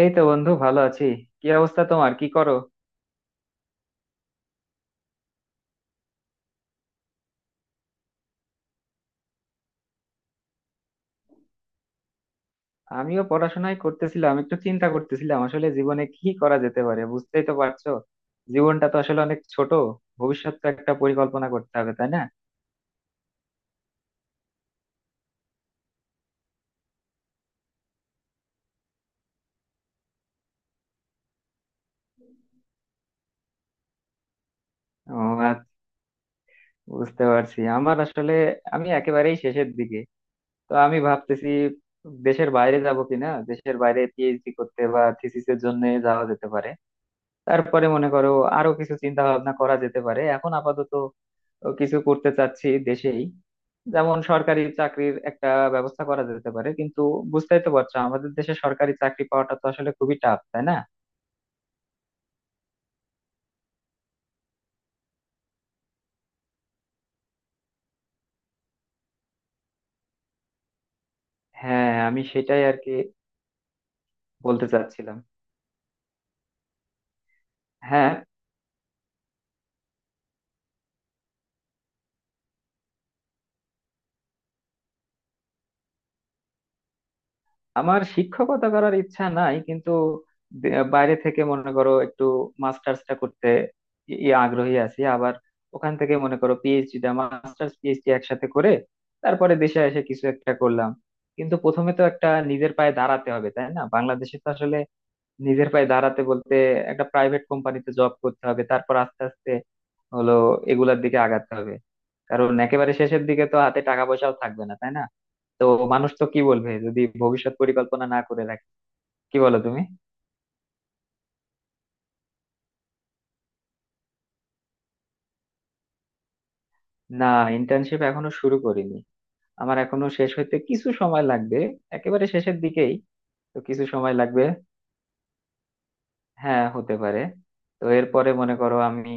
এই তো বন্ধু, ভালো আছি। কি অবস্থা তোমার? কি করো? আমিও পড়াশোনায় করতেছিলাম, একটু চিন্তা করতেছিলাম আসলে জীবনে কি করা যেতে পারে, বুঝতেই তো পারছো। জীবনটা তো আসলে অনেক ছোট। ভবিষ্যৎ তো একটা পরিকল্পনা করতে হবে, তাই না? ও, আচ্ছা, বুঝতে পারছি। আমার আসলে, আমি একেবারেই শেষের দিকে। তো আমি ভাবতেছি দেশের বাইরে যাব কিনা, দেশের বাইরে পিএইচডি করতে বা থিসিসের জন্য যাওয়া যেতে পারে। তারপরে মনে করো আরো কিছু চিন্তা ভাবনা করা যেতে পারে। এখন আপাতত কিছু করতে চাচ্ছি দেশেই। যেমন সরকারি চাকরির একটা ব্যবস্থা করা যেতে পারে, কিন্তু বুঝতেই তো পারছো, আমাদের দেশে সরকারি চাকরি পাওয়াটা তো আসলে খুবই টাফ, তাই না? হ্যাঁ, আমি সেটাই আর কি বলতে চাচ্ছিলাম। হ্যাঁ, আমার শিক্ষকতা করার ইচ্ছা নাই, কিন্তু বাইরে থেকে মনে করো একটু মাস্টার্সটা করতে ই- ই আগ্রহী আছি। আবার ওখান থেকে মনে করো পিএইচডিটা, মাস্টার্স পিএইচডি একসাথে করে তারপরে দেশে এসে কিছু একটা করলাম। কিন্তু প্রথমে তো একটা নিজের পায়ে দাঁড়াতে হবে, তাই না? বাংলাদেশে তো আসলে নিজের পায়ে দাঁড়াতে বলতে একটা প্রাইভেট কোম্পানিতে জব করতে হবে, তারপর আস্তে আস্তে হলো এগুলার দিকে আগাতে হবে। কারণ একেবারে শেষের দিকে তো হাতে টাকা পয়সাও থাকবে না, তাই না? তো মানুষ তো কি বলবে যদি ভবিষ্যৎ পরিকল্পনা না করে রাখে? কি বলো তুমি? না, ইন্টার্নশিপ এখনো শুরু করিনি। আমার এখনো শেষ হইতে কিছু সময় লাগবে, একেবারে শেষের দিকেই। তো কিছু সময় লাগবে। হ্যাঁ, হতে পারে। তো এরপরে মনে করো আমি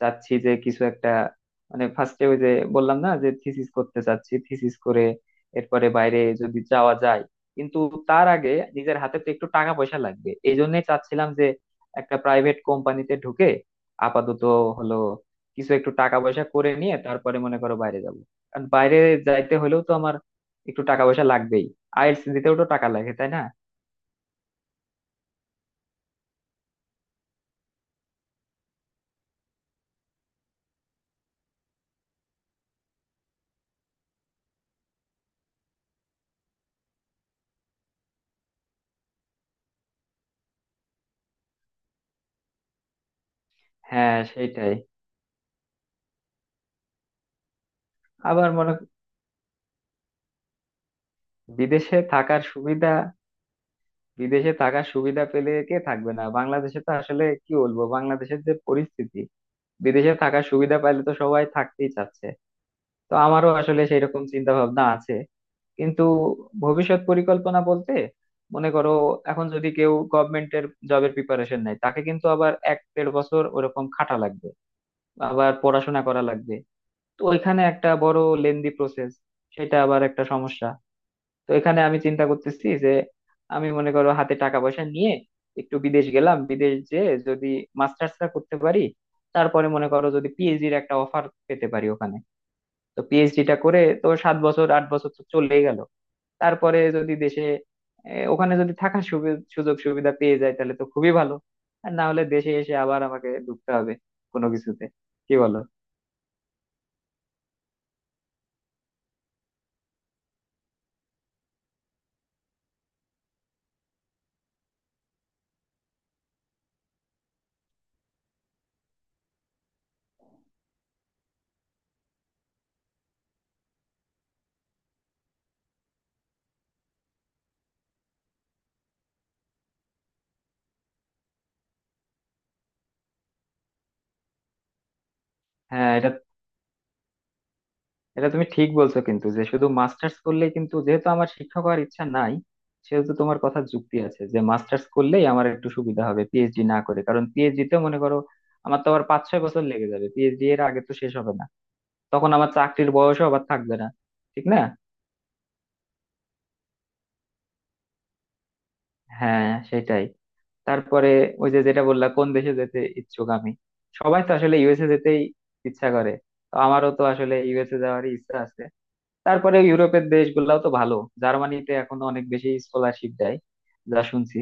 চাচ্ছি যে কিছু একটা, মানে ফার্স্টে ওই যে বললাম না যে থিসিস করতে চাচ্ছি, থিসিস করে এরপরে বাইরে যদি যাওয়া যায়। কিন্তু তার আগে নিজের হাতে তো একটু টাকা পয়সা লাগবে, এই জন্যই চাচ্ছিলাম যে একটা প্রাইভেট কোম্পানিতে ঢুকে আপাতত হলো কিছু একটু টাকা পয়সা করে নিয়ে তারপরে মনে করো বাইরে যাব। কারণ বাইরে যাইতে হলেও তো আমার একটু টাকা পয়সা লাগবেই। আইএলটিএস দিতেও তো টাকা লাগে, তাই না? হ্যাঁ, সেটাই। আবার মনে, বিদেশে থাকার সুবিধা বিদেশে থাকার সুবিধা পেলে কে থাকবে না? বাংলাদেশে তো আসলে কি বলবো, বাংলাদেশের যে পরিস্থিতি, বিদেশে থাকার সুবিধা পাইলে তো সবাই থাকতেই চাচ্ছে। তো আমারও আসলে সেই রকম চিন্তা ভাবনা আছে। কিন্তু ভবিষ্যৎ পরিকল্পনা বলতে, মনে করো এখন যদি কেউ গভর্নমেন্টের জবের প্রিপারেশন নেয়, তাকে কিন্তু আবার এক দেড় বছর ওরকম খাটা লাগবে, আবার পড়াশোনা করা লাগবে। তো ওইখানে একটা বড় লেন্দি প্রসেস, সেটা আবার একটা সমস্যা। তো এখানে আমি চিন্তা করতেছি যে আমি মনে করো হাতে টাকা পয়সা নিয়ে একটু বিদেশ গেলাম, বিদেশ যে যদি মাস্টার্সটা করতে পারি, তারপরে মনে করো যদি পিএইচডির একটা অফার পেতে পারি ওখানে, তো পিএইচডিটা করে তো সাত বছর আট বছর তো চলেই গেল। তারপরে যদি দেশে, এ, ওখানে যদি থাকার সুযোগ সুবিধা পেয়ে যায় তাহলে তো খুবই ভালো। আর না হলে দেশে এসে আবার আমাকে ঢুকতে হবে কোনো কিছুতে। কি বলো? হ্যাঁ, এটা এটা তুমি ঠিক বলছো, কিন্তু যে শুধু মাস্টার্স করলেই, কিন্তু যেহেতু আমার শিক্ষক হওয়ার ইচ্ছা নাই, সেহেতু তোমার কথা যুক্তি আছে যে মাস্টার্স করলেই আমার একটু সুবিধা হবে পিএইচডি না করে। কারণ পিএইচডি তে মনে করো আমার তো আবার পাঁচ ছয় বছর লেগে যাবে, পিএইচডি এর আগে তো শেষ হবে না। তখন আমার চাকরির বয়সও আবার থাকবে না, ঠিক না? হ্যাঁ, সেটাই। তারপরে ওই যে যেটা বললা, কোন দেশে যেতে ইচ্ছুক আমি। সবাই তো আসলে ইউএসএ যেতেই ইচ্ছা করে, তো আমারও তো আসলে ইউএসএ যাওয়ারই ইচ্ছা আছে। তারপরে ইউরোপের দেশগুলাও তো ভালো। জার্মানিতে এখনো অনেক বেশি স্কলারশিপ দেয়, যা শুনছি।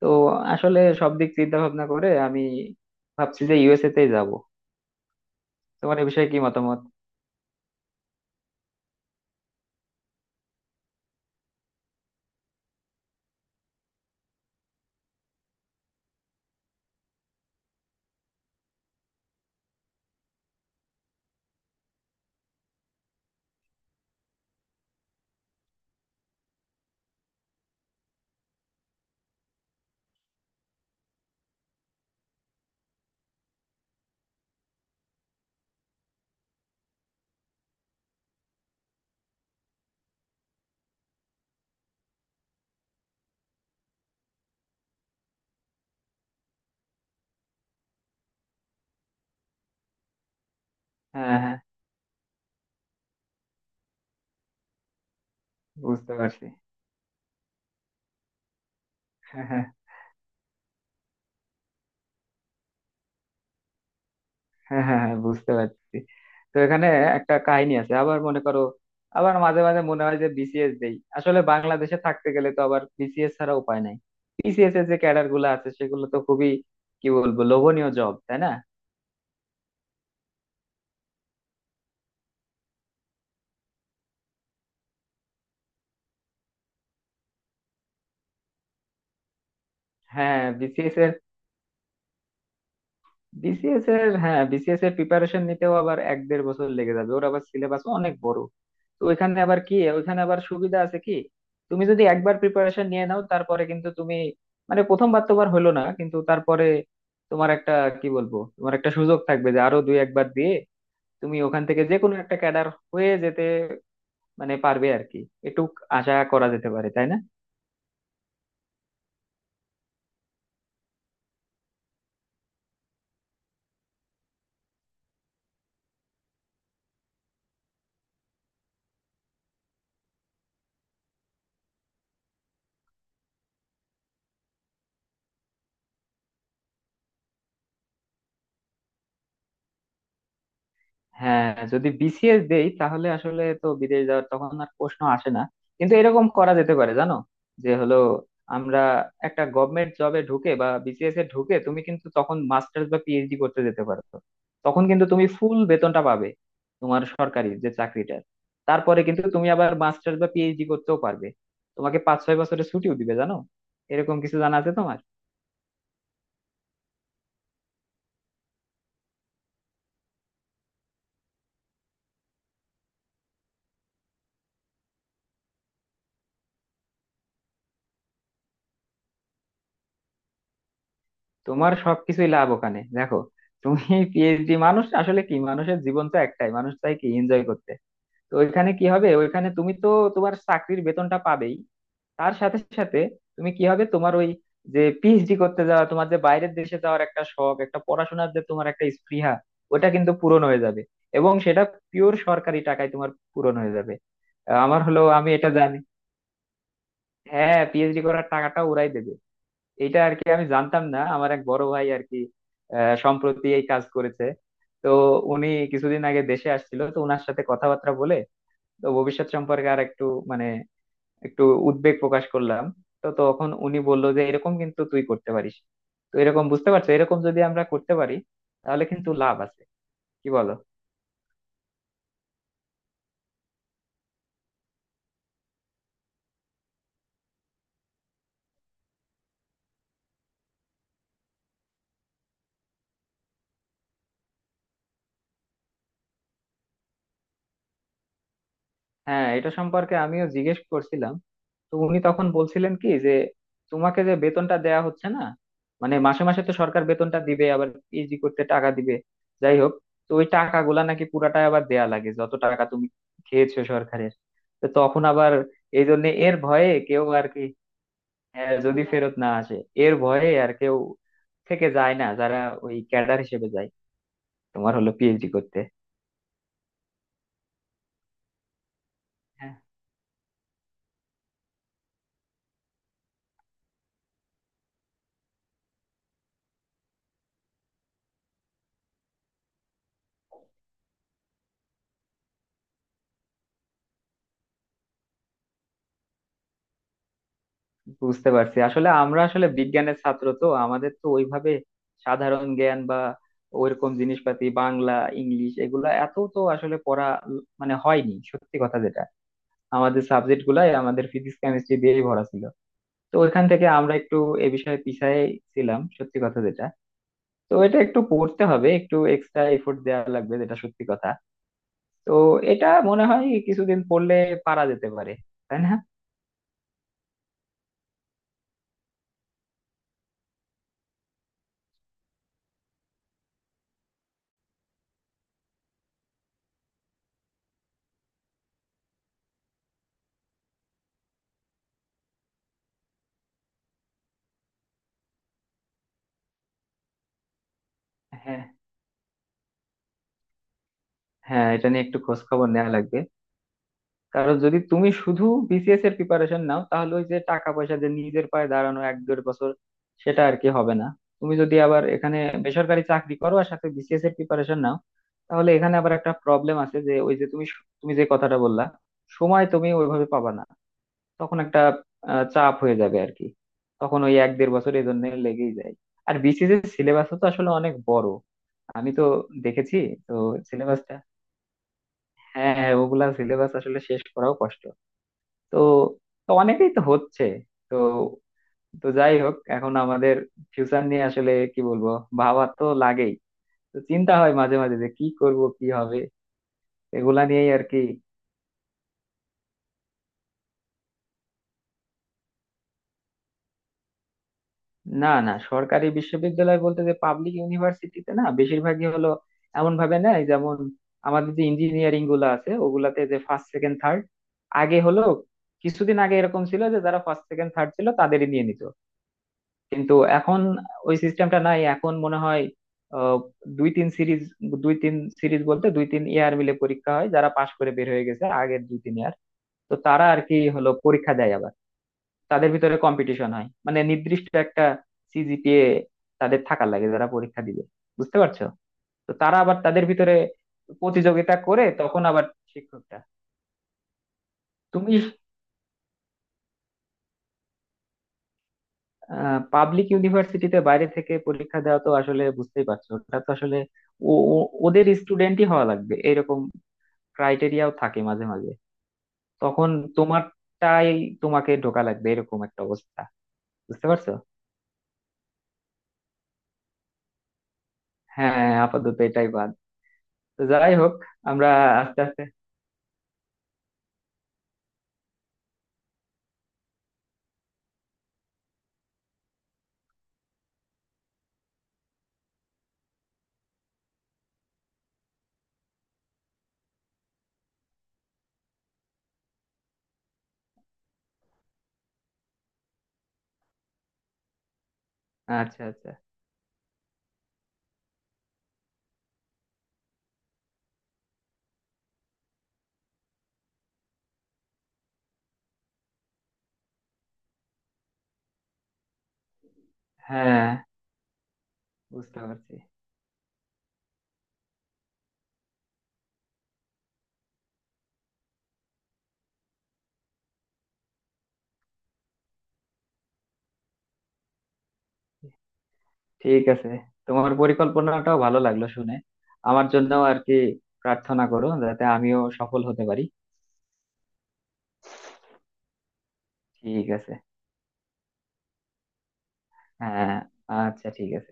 তো আসলে সব দিক চিন্তা ভাবনা করে আমি ভাবছি যে ইউএসএ তেই যাবো। তোমার এ বিষয়ে কি মতামত? হ্যাঁ হ্যাঁ, বুঝতে পারছি। হ্যাঁ হ্যাঁ হ্যাঁ হ্যাঁ হ্যাঁ, বুঝতে পারছি। তো এখানে একটা কাহিনী আছে আবার, মনে করো আবার মাঝে মাঝে মনে হয় যে বিসিএস দেই। আসলে বাংলাদেশে থাকতে গেলে তো আবার বিসিএস ছাড়া উপায় নাই। বিসিএস এর যে ক্যাডার গুলো আছে সেগুলো তো খুবই কি বলবো, লোভনীয় জব, তাই না? হ্যাঁ বিসিএস বিসিএস এর হ্যাঁ, বিসিএস এর প্রিপারেশন নিতেও আবার এক দেড় বছর লেগে যাবে, ওর আবার সিলেবাস অনেক বড়। তো ওইখানে আবার সুবিধা আছে কি, তুমি যদি একবার প্রিপারেশন নিয়ে নাও, তারপরে কিন্তু তুমি, মানে প্রথমবার তোমার হলো না, কিন্তু তারপরে তোমার একটা, কি বলবো, তোমার একটা সুযোগ থাকবে যে আরো দুই একবার দিয়ে তুমি ওখান থেকে যে কোনো একটা ক্যাডার হয়ে যেতে মানে পারবে আর কি। একটু আশা করা যেতে পারে, তাই না? হ্যাঁ, যদি বিসিএস দেই তাহলে আসলে তো বিদেশ যাওয়ার তখন আর প্রশ্ন আসে না। কিন্তু এরকম করা যেতে পারে জানো, যে হলো আমরা একটা গভর্নমেন্ট জবে ঢুকে বা বিসিএস এ ঢুকে তুমি কিন্তু তখন মাস্টার্স বা পিএইচডি করতে যেতে পারো। তখন কিন্তু তুমি ফুল বেতনটা পাবে তোমার সরকারি যে চাকরিটার। তারপরে কিন্তু তুমি আবার মাস্টার্স বা পিএইচডি করতেও পারবে। তোমাকে পাঁচ ছয় বছরের ছুটিও দিবে, জানো? এরকম কিছু জানা আছে তোমার? তোমার সবকিছুই লাভ ওখানে, দেখো। তুমি পিএইচডি, মানুষ আসলে কি, মানুষের জীবন তো একটাই, মানুষ চাই কি এনজয় করতে। তো ওইখানে কি হবে, ওইখানে তুমি তো তোমার চাকরির বেতনটা পাবেই। তার সাথে সাথে তুমি, কি হবে, তোমার ওই যে পিএইচডি করতে যাওয়া, তোমার যে বাইরের দেশে যাওয়ার একটা শখ, একটা পড়াশোনার যে তোমার একটা স্পৃহা, ওটা কিন্তু পূরণ হয়ে যাবে। এবং সেটা পিওর সরকারি টাকায় তোমার পূরণ হয়ে যাবে। আমার হলো, আমি এটা জানি। হ্যাঁ, পিএইচডি করার টাকাটা ওরাই দেবে। এটা আর কি আমি জানতাম না, আমার এক বড় ভাই আর কি সম্প্রতি এই কাজ করেছে। তো উনি কিছুদিন আগে দেশে আসছিল, তো ওনার সাথে কথাবার্তা বলে তো ভবিষ্যৎ সম্পর্কে আর একটু, মানে একটু উদ্বেগ প্রকাশ করলাম। তো তখন উনি বলল যে এরকম কিন্তু তুই করতে পারিস। তো এরকম, বুঝতে পারছো, এরকম যদি আমরা করতে পারি তাহলে কিন্তু লাভ আছে। কি বলো? হ্যাঁ, এটা সম্পর্কে আমিও জিজ্ঞেস করছিলাম। তো উনি তখন বলছিলেন কি যে তোমাকে যে বেতনটা দেয়া হচ্ছে না, মানে মাসে মাসে তো সরকার বেতনটা দিবে, আবার পিএইচডি করতে টাকা দিবে। যাই হোক, তো ওই টাকাগুলা নাকি পুরাটাই আবার দেয়া লাগে, যত টাকা তুমি খেয়েছো সরকারের। তো তখন আবার এই জন্য, এর ভয়ে কেউ আর কি, যদি ফেরত না আসে, এর ভয়ে আর কেউ থেকে যায় না যারা ওই ক্যাডার হিসেবে যায়। তোমার হলো পিএইচডি করতে। বুঝতে পারছি, আসলে আমরা আসলে বিজ্ঞানের ছাত্র তো, আমাদের তো ওইভাবে সাধারণ জ্ঞান বা ওইরকম জিনিসপাতি, বাংলা, ইংলিশ, এগুলা এত তো আসলে পড়া মানে হয়নি, সত্যি কথা যেটা। আমাদের সাবজেক্ট গুলাই আমাদের ফিজিক্স কেমিস্ট্রি দিয়েই ভরা ছিল। তো ওইখান থেকে আমরা একটু এ বিষয়ে পিছায় ছিলাম, সত্যি কথা যেটা। তো এটা একটু পড়তে হবে, একটু এক্সট্রা এফোর্ট দেওয়া লাগবে, যেটা সত্যি কথা। তো এটা মনে হয় কিছুদিন পড়লে পারা যেতে পারে, তাই না? হ্যাঁ হ্যাঁ, এটা নিয়ে একটু খোঁজ খবর নেওয়া লাগবে। কারণ যদি তুমি শুধু বিসিএস এর প্রিপারেশন নাও তাহলে ওই যে টাকা পয়সা দিয়ে নিজের পায়ে দাঁড়ানো এক দেড় বছর, সেটা আর কি হবে না। তুমি যদি আবার এখানে বেসরকারি চাকরি করো আর সাথে বিসিএস এর প্রিপারেশন নাও, তাহলে এখানে আবার একটা প্রবলেম আছে যে ওই যে তুমি তুমি যে কথাটা বললা, সময় তুমি ওইভাবে পাবা না। তখন একটা চাপ হয়ে যাবে আর কি। তখন ওই এক দেড় বছর এই জন্য লেগেই যায়। আর বিসিএস এর সিলেবাস তো আসলে অনেক বড়, আমি তো দেখেছি। তো সিলেবাসটা, হ্যাঁ হ্যাঁ, ওগুলা সিলেবাস আসলে শেষ করাও কষ্ট। তো তো অনেকেই তো হচ্ছে, তো তো যাই হোক, এখন আমাদের ফিউচার নিয়ে আসলে কি বলবো, ভাবা তো লাগেই। তো চিন্তা হয় মাঝে মাঝে যে কি করব, কি হবে, এগুলা নিয়েই আর কি। না না, সরকারি বিশ্ববিদ্যালয় বলতে যে পাবলিক ইউনিভার্সিটিতে, না, বেশিরভাগই হলো এমন ভাবে নেয়, যেমন আমাদের যে ইঞ্জিনিয়ারিং গুলো আছে ওগুলাতে যে ফার্স্ট সেকেন্ড থার্ড, আগে হলো কিছুদিন আগে এরকম ছিল যে যারা ফার্স্ট সেকেন্ড থার্ড ছিল তাদেরই নিয়ে নিত। কিন্তু এখন ওই সিস্টেমটা নাই এখন মনে হয়। আহ, দুই তিন সিরিজ দুই তিন সিরিজ বলতে দুই তিন ইয়ার মিলে পরীক্ষা হয়, যারা পাশ করে বের হয়ে গেছে আগের দুই তিন ইয়ার, তো তারা আর কি হলো পরীক্ষা দেয় আবার। তাদের ভিতরে কম্পিটিশন হয়, মানে নির্দিষ্ট একটা সিজিপিএ তাদের থাকার লাগে যারা পরীক্ষা দিবে, বুঝতে পারছো? তো তারা আবার তাদের ভিতরে প্রতিযোগিতা করে তখন আবার শিক্ষকটা। তুমি পাবলিক ইউনিভার্সিটিতে বাইরে থেকে পরীক্ষা দেওয়া তো আসলে বুঝতেই পারছো, ওটা তো আসলে ওদের স্টুডেন্টই হওয়া লাগবে, এরকম ক্রাইটেরিয়াও থাকে মাঝে মাঝে। তখন তোমারটাই, তোমাকে ঢোকা লাগবে, এরকম একটা অবস্থা, বুঝতে পারছো? হ্যাঁ, আপাতত এটাই বাদ। তো যাই হোক, আমরা আস্তে আস্তে, আচ্ছা আচ্ছা, হ্যাঁ, বুঝতে পারছি। ঠিক আছে, তোমার পরিকল্পনাটাও ভালো লাগলো শুনে। আমার জন্য আর কি প্রার্থনা করো, যাতে আমিও সফল হতে পারি। ঠিক আছে। হ্যাঁ। আচ্ছা, ঠিক আছে।